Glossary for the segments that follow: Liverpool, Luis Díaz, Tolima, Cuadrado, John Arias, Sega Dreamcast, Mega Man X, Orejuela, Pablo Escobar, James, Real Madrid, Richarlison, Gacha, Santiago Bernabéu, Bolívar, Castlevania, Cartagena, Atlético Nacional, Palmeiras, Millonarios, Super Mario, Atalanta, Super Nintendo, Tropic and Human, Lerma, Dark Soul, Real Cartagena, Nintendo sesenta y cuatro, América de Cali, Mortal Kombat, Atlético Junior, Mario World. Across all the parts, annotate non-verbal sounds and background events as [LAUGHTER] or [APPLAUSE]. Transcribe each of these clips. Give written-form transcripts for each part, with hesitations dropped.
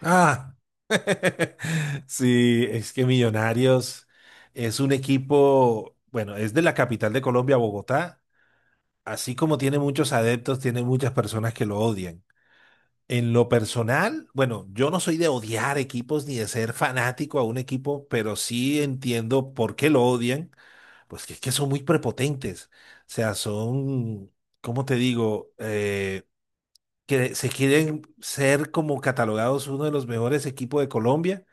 Ah, [LAUGHS] sí, es que Millonarios es un equipo. Bueno, es de la capital de Colombia, Bogotá, así como tiene muchos adeptos, tiene muchas personas que lo odian. En lo personal, bueno, yo no soy de odiar equipos ni de ser fanático a un equipo, pero sí entiendo por qué lo odian, pues que es que son muy prepotentes, o sea, son, ¿cómo te digo? Que se quieren ser como catalogados uno de los mejores equipos de Colombia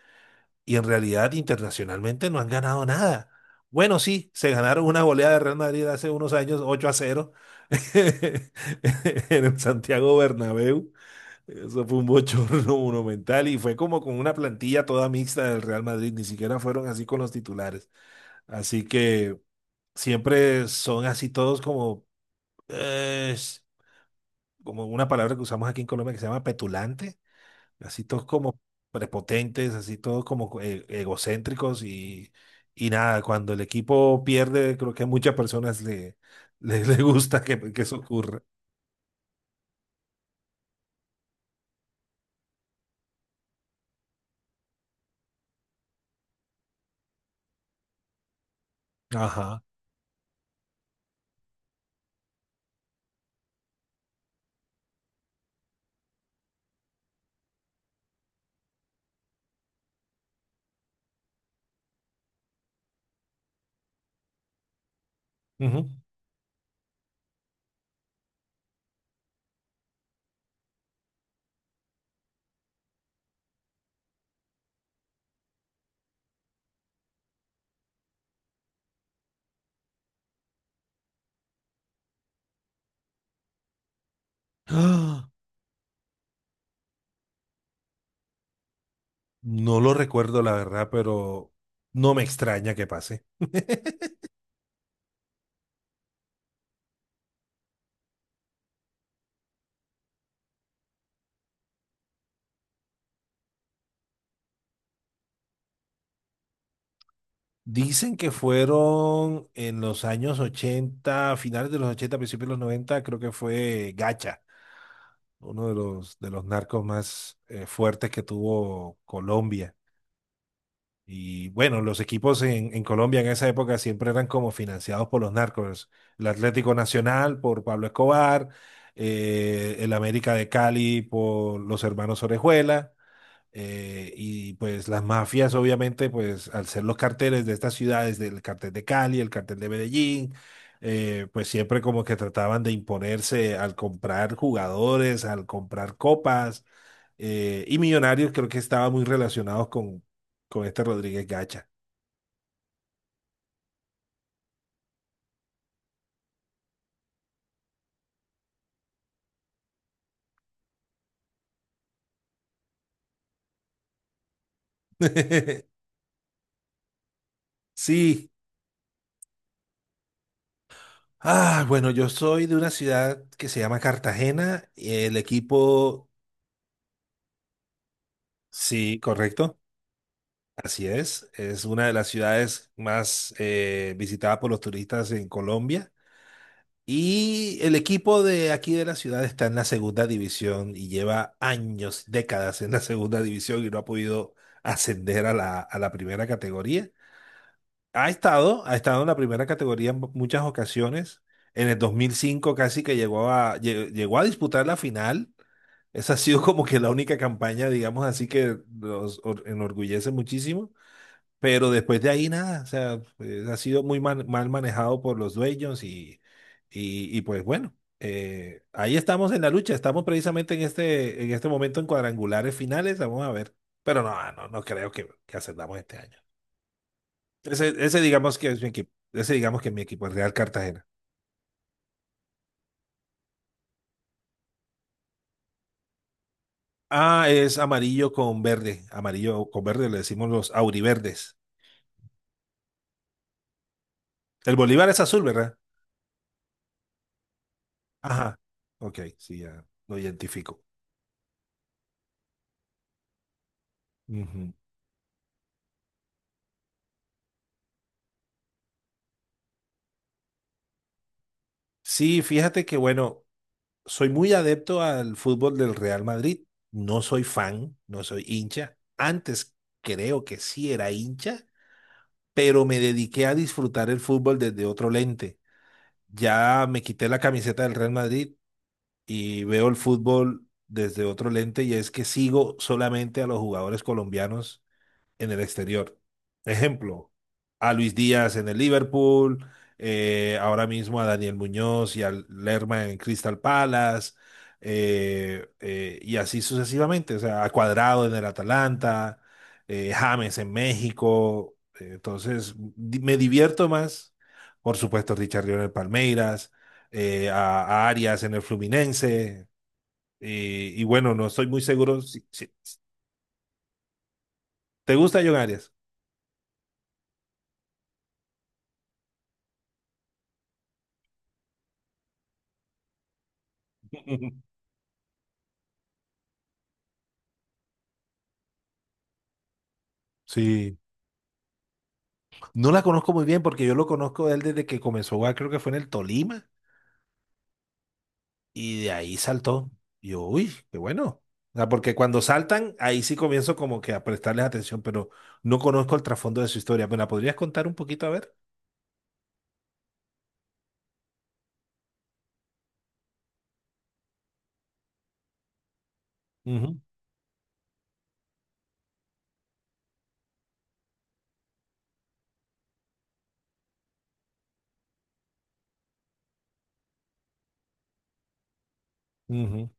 y en realidad internacionalmente no han ganado nada. Bueno, sí, se ganaron una goleada de Real Madrid hace unos años, 8 a cero [LAUGHS] en el Santiago Bernabéu. Eso fue un bochorno monumental y fue como con una plantilla toda mixta del Real Madrid, ni siquiera fueron así con los titulares. Así que siempre son así todos como, eh, como una palabra que usamos aquí en Colombia que se llama petulante, así todos como prepotentes, así todos como egocéntricos. Y y nada, cuando el equipo pierde, creo que a muchas personas [LAUGHS] le gusta que eso ocurra. Ajá. Ujú. ¡Ah! No lo recuerdo, la verdad, pero no me extraña que pase. [LAUGHS] Dicen que fueron en los años ochenta, finales de los ochenta, principios de los noventa, creo que fue Gacha, uno de de los narcos más fuertes que tuvo Colombia. Y bueno, los equipos en Colombia en esa época siempre eran como financiados por los narcos. El Atlético Nacional por Pablo Escobar, el América de Cali por los hermanos Orejuela, y pues las mafias obviamente, pues al ser los carteles de estas ciudades, del cartel de Cali, el cartel de Medellín, pues siempre como que trataban de imponerse al comprar jugadores, al comprar copas. Y Millonarios creo que estaba muy relacionado con este Rodríguez Gacha. [LAUGHS] Sí. Ah, bueno, yo soy de una ciudad que se llama Cartagena. El equipo, sí, correcto, así es. Es una de las ciudades más visitadas por los turistas en Colombia. Y el equipo de aquí de la ciudad está en la segunda división y lleva años, décadas en la segunda división y no ha podido ascender a a la primera categoría. Ha estado en la primera categoría en muchas ocasiones. En el 2005 casi que llegó a disputar la final. Esa ha sido como que la única campaña, digamos así, que enorgullece muchísimo. Pero después de ahí nada, o sea, pues, ha sido muy mal manejado por los dueños. Pues bueno, ahí estamos en la lucha. Estamos precisamente en en este momento en cuadrangulares finales. Vamos a ver. Pero no creo que ascendamos este año. Ese digamos que es mi equipo. Ese digamos que es mi equipo, el Real Cartagena. Ah, es amarillo con verde. Amarillo con verde le decimos los auriverdes. El Bolívar es azul, ¿verdad? Ajá. Ok, sí, ya lo identifico. Ujú. Sí, fíjate que bueno, soy muy adepto al fútbol del Real Madrid. No soy fan, no soy hincha. Antes creo que sí era hincha, pero me dediqué a disfrutar el fútbol desde otro lente. Ya me quité la camiseta del Real Madrid y veo el fútbol desde otro lente y es que sigo solamente a los jugadores colombianos en el exterior. Ejemplo, a Luis Díaz en el Liverpool, ahora mismo a Daniel Muñoz y al Lerma en Crystal Palace, y así sucesivamente, o sea, a Cuadrado en el Atalanta, James en México, entonces me divierto más, por supuesto, Richarlison en el Palmeiras, a Arias en el Fluminense, y bueno, no estoy muy seguro si, ¿te gusta John Arias? [LAUGHS] Sí. No la conozco muy bien porque yo lo conozco de él desde que comenzó a jugar, creo que fue en el Tolima, y de ahí saltó. Y yo, uy, qué bueno. O sea, porque cuando saltan, ahí sí comienzo como que a prestarles atención, pero no conozco el trasfondo de su historia. ¿Me la podrías contar un poquito, a ver? Ujú, ujú,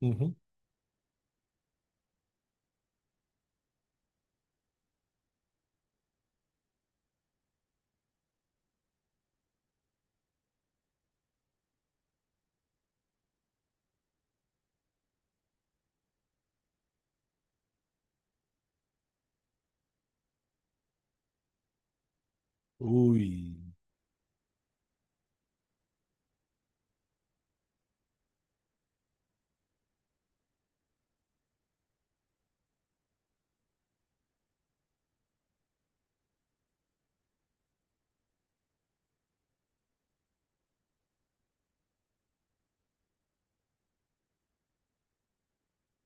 ujú. Uy,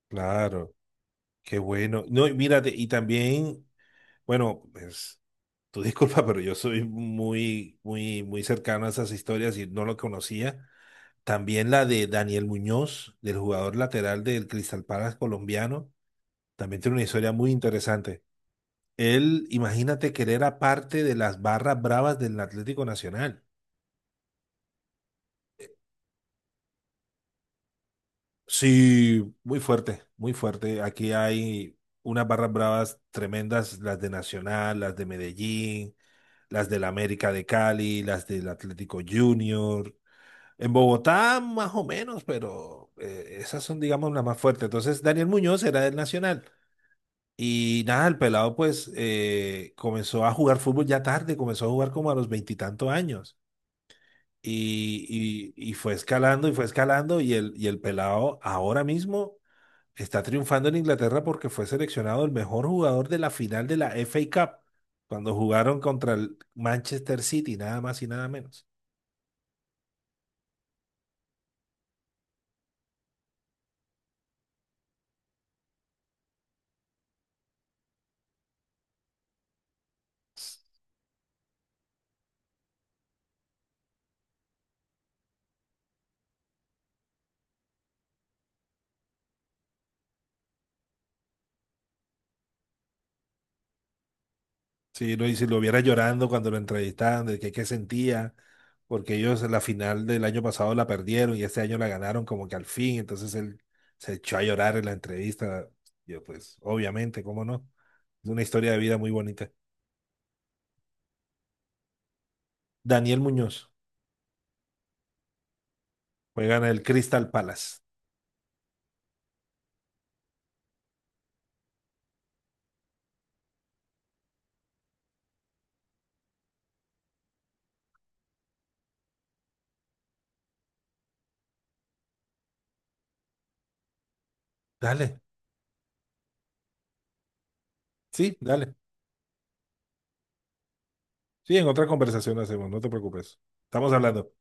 claro, qué bueno. No, y mírate, y también, bueno, pues, tú [LAUGHS] disculpa, pero yo soy muy, muy, muy cercano a esas historias y no lo conocía. También la de Daniel Muñoz, del jugador lateral del Crystal Palace colombiano, también tiene una historia muy interesante. Él, imagínate que él era parte de las barras bravas del Atlético Nacional. Sí, muy fuerte, muy fuerte. Aquí hay unas barras bravas tremendas, las de Nacional, las de Medellín, las del América de Cali, las del Atlético Junior. En Bogotá, más o menos, pero esas son, digamos, las más fuertes. Entonces, Daniel Muñoz era del Nacional. Y nada, el pelado pues comenzó a jugar fútbol ya tarde, comenzó a jugar como a los 20 y tantos años. Y fue escalando y fue escalando y el pelado ahora mismo está triunfando en Inglaterra porque fue seleccionado el mejor jugador de la final de la FA Cup cuando jugaron contra el Manchester City, nada más y nada menos. Sí, lo, y si lo viera llorando cuando lo entrevistaban, de que qué sentía, porque ellos en la final del año pasado la perdieron y este año la ganaron como que al fin, entonces él se echó a llorar en la entrevista. Yo pues, obviamente, ¿cómo no? Es una historia de vida muy bonita. Daniel Muñoz juega en el Crystal Palace. Dale, sí, dale. Sí, en otra conversación lo hacemos, no te preocupes. Estamos hablando.